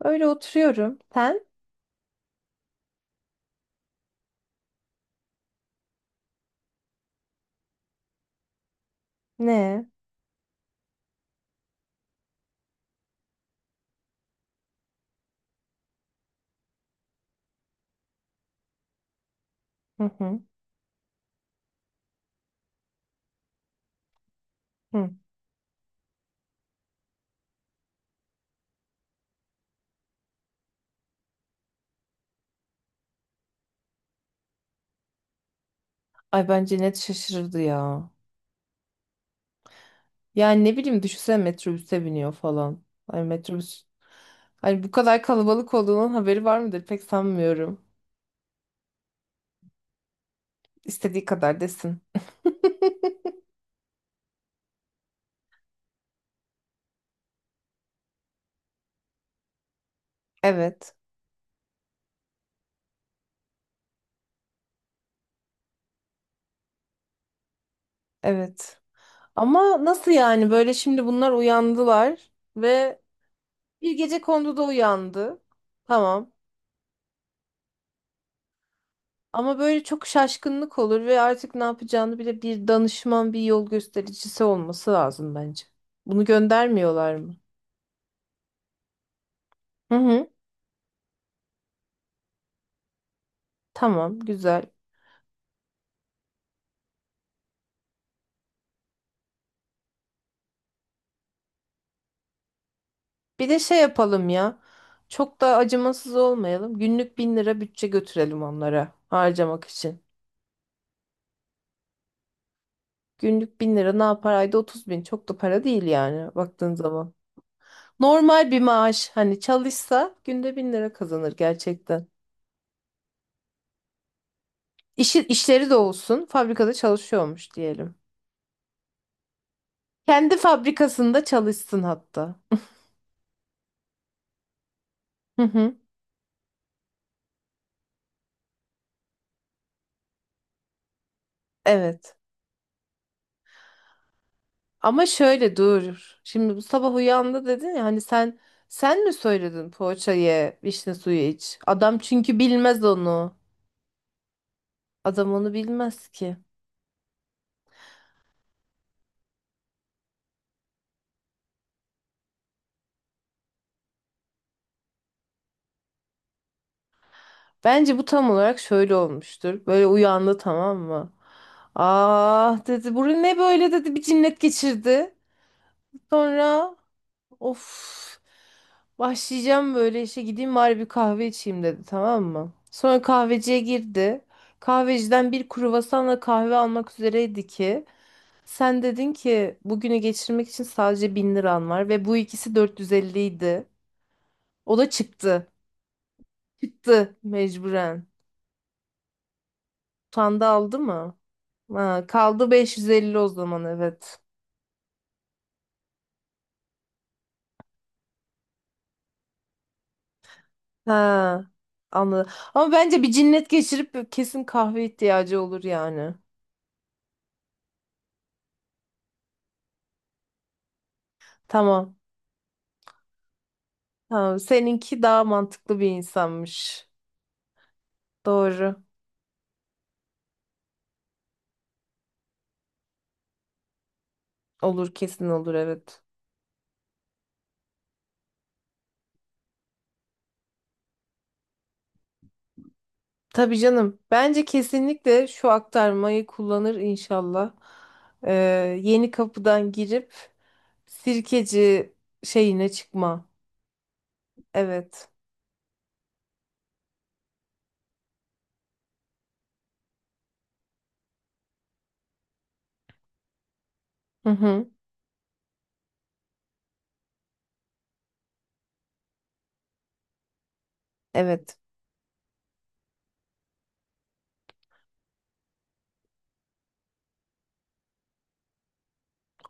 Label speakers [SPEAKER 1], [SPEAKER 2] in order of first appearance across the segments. [SPEAKER 1] Öyle oturuyorum. Sen? Ne? Hı hı. Hı. Ay bence net şaşırırdı ya. Yani ne bileyim düşünsene metrobüse biniyor falan. Ay, metrobüs. Hani bu kadar kalabalık olduğunun haberi var mıdır? Pek sanmıyorum. İstediği kadar desin. Evet. Evet. Ama nasıl yani, böyle şimdi bunlar uyandılar ve bir gece konuda da uyandı. Tamam. Ama böyle çok şaşkınlık olur ve artık ne yapacağını bile bir danışman, bir yol göstericisi olması lazım bence. Bunu göndermiyorlar mı? Hı hı. Tamam, güzel. Bir de şey yapalım ya. Çok da acımasız olmayalım. Günlük 1.000 lira bütçe götürelim onlara harcamak için. Günlük 1.000 lira ne yapar? Ayda 30 bin. Çok da para değil yani baktığın zaman. Normal bir maaş. Hani çalışsa günde 1.000 lira kazanır gerçekten. İşi, işleri de olsun. Fabrikada çalışıyormuş diyelim. Kendi fabrikasında çalışsın hatta. Hı hı. Evet. Ama şöyle dur. Şimdi bu sabah uyandı dedin ya, hani sen mi söyledin poğaça ye, vişne suyu iç? Adam çünkü bilmez onu. Adam onu bilmez ki. Bence bu tam olarak şöyle olmuştur. Böyle uyandı, tamam mı? Ah dedi. Bu ne böyle dedi, bir cinnet geçirdi. Sonra. Of. Başlayacağım böyle, işe gideyim bari bir kahve içeyim dedi, tamam mı? Sonra kahveciye girdi. Kahveciden bir kruvasanla kahve almak üzereydi ki sen dedin ki bugünü geçirmek için sadece 1.000 liran var ve bu ikisi 450 idi. O da çıktı. Çıktı mecburen. Utandı aldı mı? Ha, kaldı 550 o zaman, evet. Ha, anladım. Ama bence bir cinnet geçirip kesin kahve ihtiyacı olur yani. Tamam. Tamam, seninki daha mantıklı bir insanmış. Doğru. Olur, kesin olur, evet. Tabii canım. Bence kesinlikle şu aktarmayı kullanır inşallah. Ee, Yeni kapıdan girip sirkeci şeyine çıkma. Evet. Hı hı. Evet.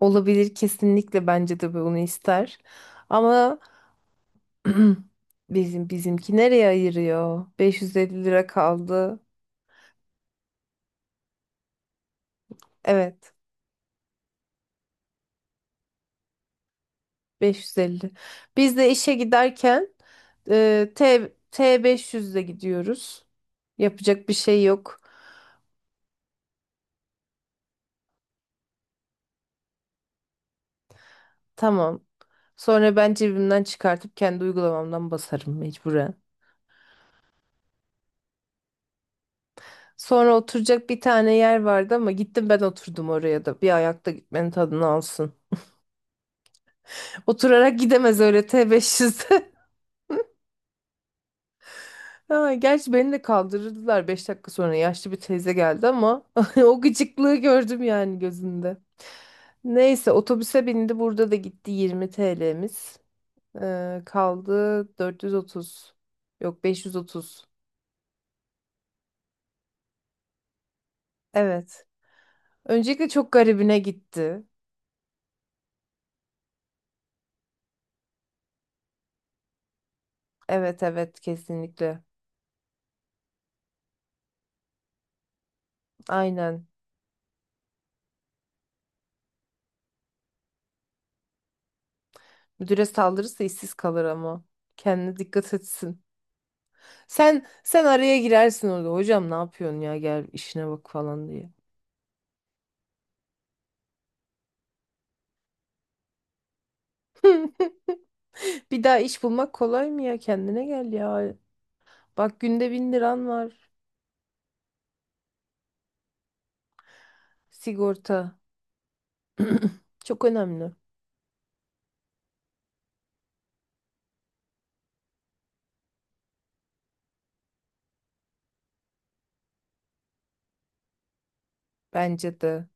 [SPEAKER 1] Olabilir, kesinlikle bence de bunu ister. Ama bizimki nereye ayırıyor? 550 lira kaldı. Evet. 550. Biz de işe giderken T500'le gidiyoruz. Yapacak bir şey yok. Tamam. Sonra ben cebimden çıkartıp kendi uygulamamdan basarım mecburen. Sonra oturacak bir tane yer vardı ama gittim ben oturdum oraya da. Bir ayakta gitmenin tadını alsın. Oturarak gidemez öyle T500. Ha, gerçi beni de kaldırırdılar 5 dakika sonra. Yaşlı bir teyze geldi ama o gıcıklığı gördüm yani gözünde. Neyse, otobüse bindi. Burada da gitti 20 TL'miz. Kaldı 430. Yok, 530. Evet. Öncelikle çok garibine gitti. Evet, evet, kesinlikle. Aynen. Müdüre saldırırsa işsiz kalır ama. Kendine dikkat etsin. Sen araya girersin orada. Hocam ne yapıyorsun ya, gel işine bak falan diye. Bir daha iş bulmak kolay mı ya? Kendine gel ya. Bak, günde 1.000 liran var. Sigorta. Çok önemli. Bence de.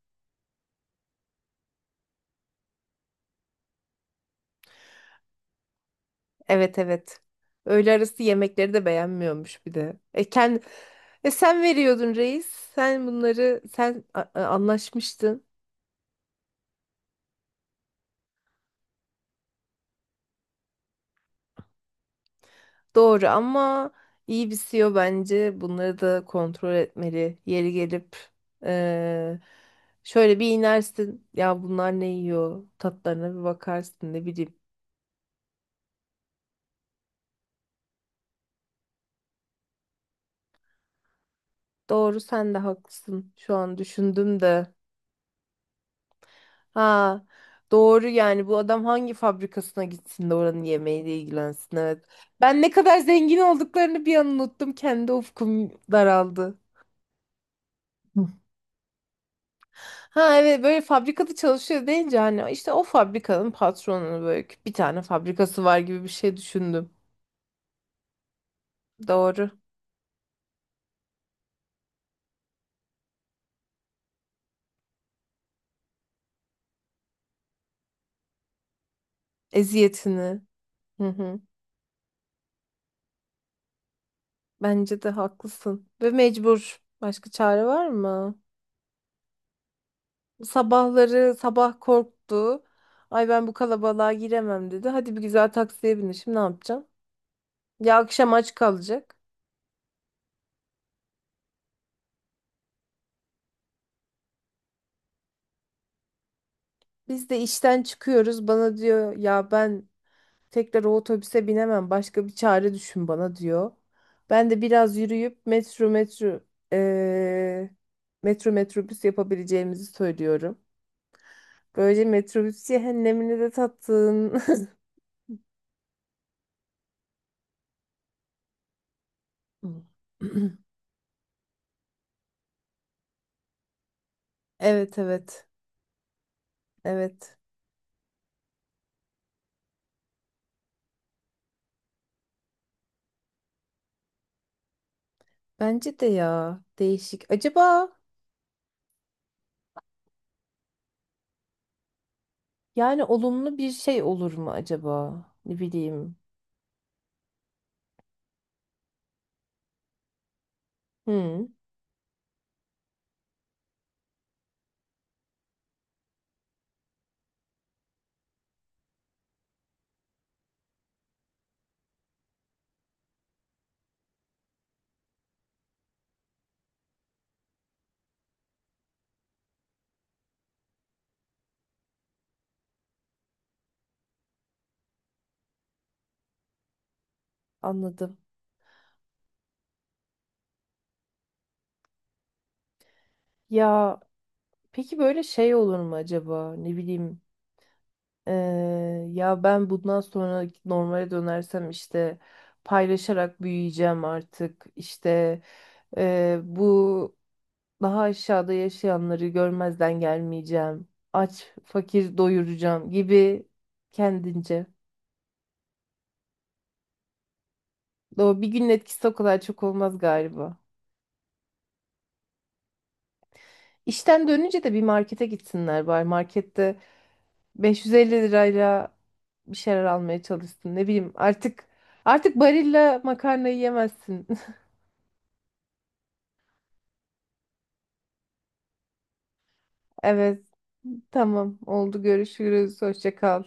[SPEAKER 1] Evet, evet. Öğle arası yemekleri de beğenmiyormuş bir de. E, kend... e Sen veriyordun reis. Sen bunları anlaşmıştın. Doğru ama iyi bir C E O bence bunları da kontrol etmeli. Yeri gelip eee, şöyle bir inersin. Ya bunlar ne yiyor? Tatlarına bir bakarsın, ne bileyim. Doğru, sen de haklısın. Şu an düşündüm de. Ha, doğru yani. Bu adam hangi fabrikasına gitsin de oranın yemeğiyle ilgilensin, evet. Ben ne kadar zengin olduklarını bir an unuttum. Kendi ufkum daraldı. Hı. Ha, evet, böyle fabrikada çalışıyor deyince hani işte o fabrikanın patronunu böyle bir tane fabrikası var gibi bir şey düşündüm. Doğru. Eziyetini. Hı hı. Bence de haklısın. Ve mecbur. Başka çare var mı? Sabahları sabah korktu. Ay ben bu kalabalığa giremem dedi. Hadi bir güzel taksiye bindi. Şimdi ne yapacağım? Ya akşam aç kalacak. Biz de işten çıkıyoruz. Bana diyor ya, ben tekrar o otobüse binemem. Başka bir çare düşün bana diyor. Ben de biraz yürüyüp eee, metrobüs yapabileceğimizi söylüyorum. Böylece metrobüs cehennemini de tattın. Evet, evet, evet. Bence de ya, değişik. Acaba, yani olumlu bir şey olur mu acaba? Ne bileyim. Hı, anladım. Ya peki böyle şey olur mu acaba? Ne bileyim. Ee, Ya ben bundan sonra normale dönersem işte paylaşarak büyüyeceğim artık. İşte bu daha aşağıda yaşayanları görmezden gelmeyeceğim. Aç, fakir doyuracağım gibi kendince. O bir günün etkisi o kadar çok olmaz galiba. İşten dönünce de bir markete gitsinler bari. Markette 550 lirayla bir şeyler almaya çalışsın. Ne bileyim, artık Barilla makarnayı yemezsin. Evet, tamam, oldu, görüşürüz. Hoşça kal.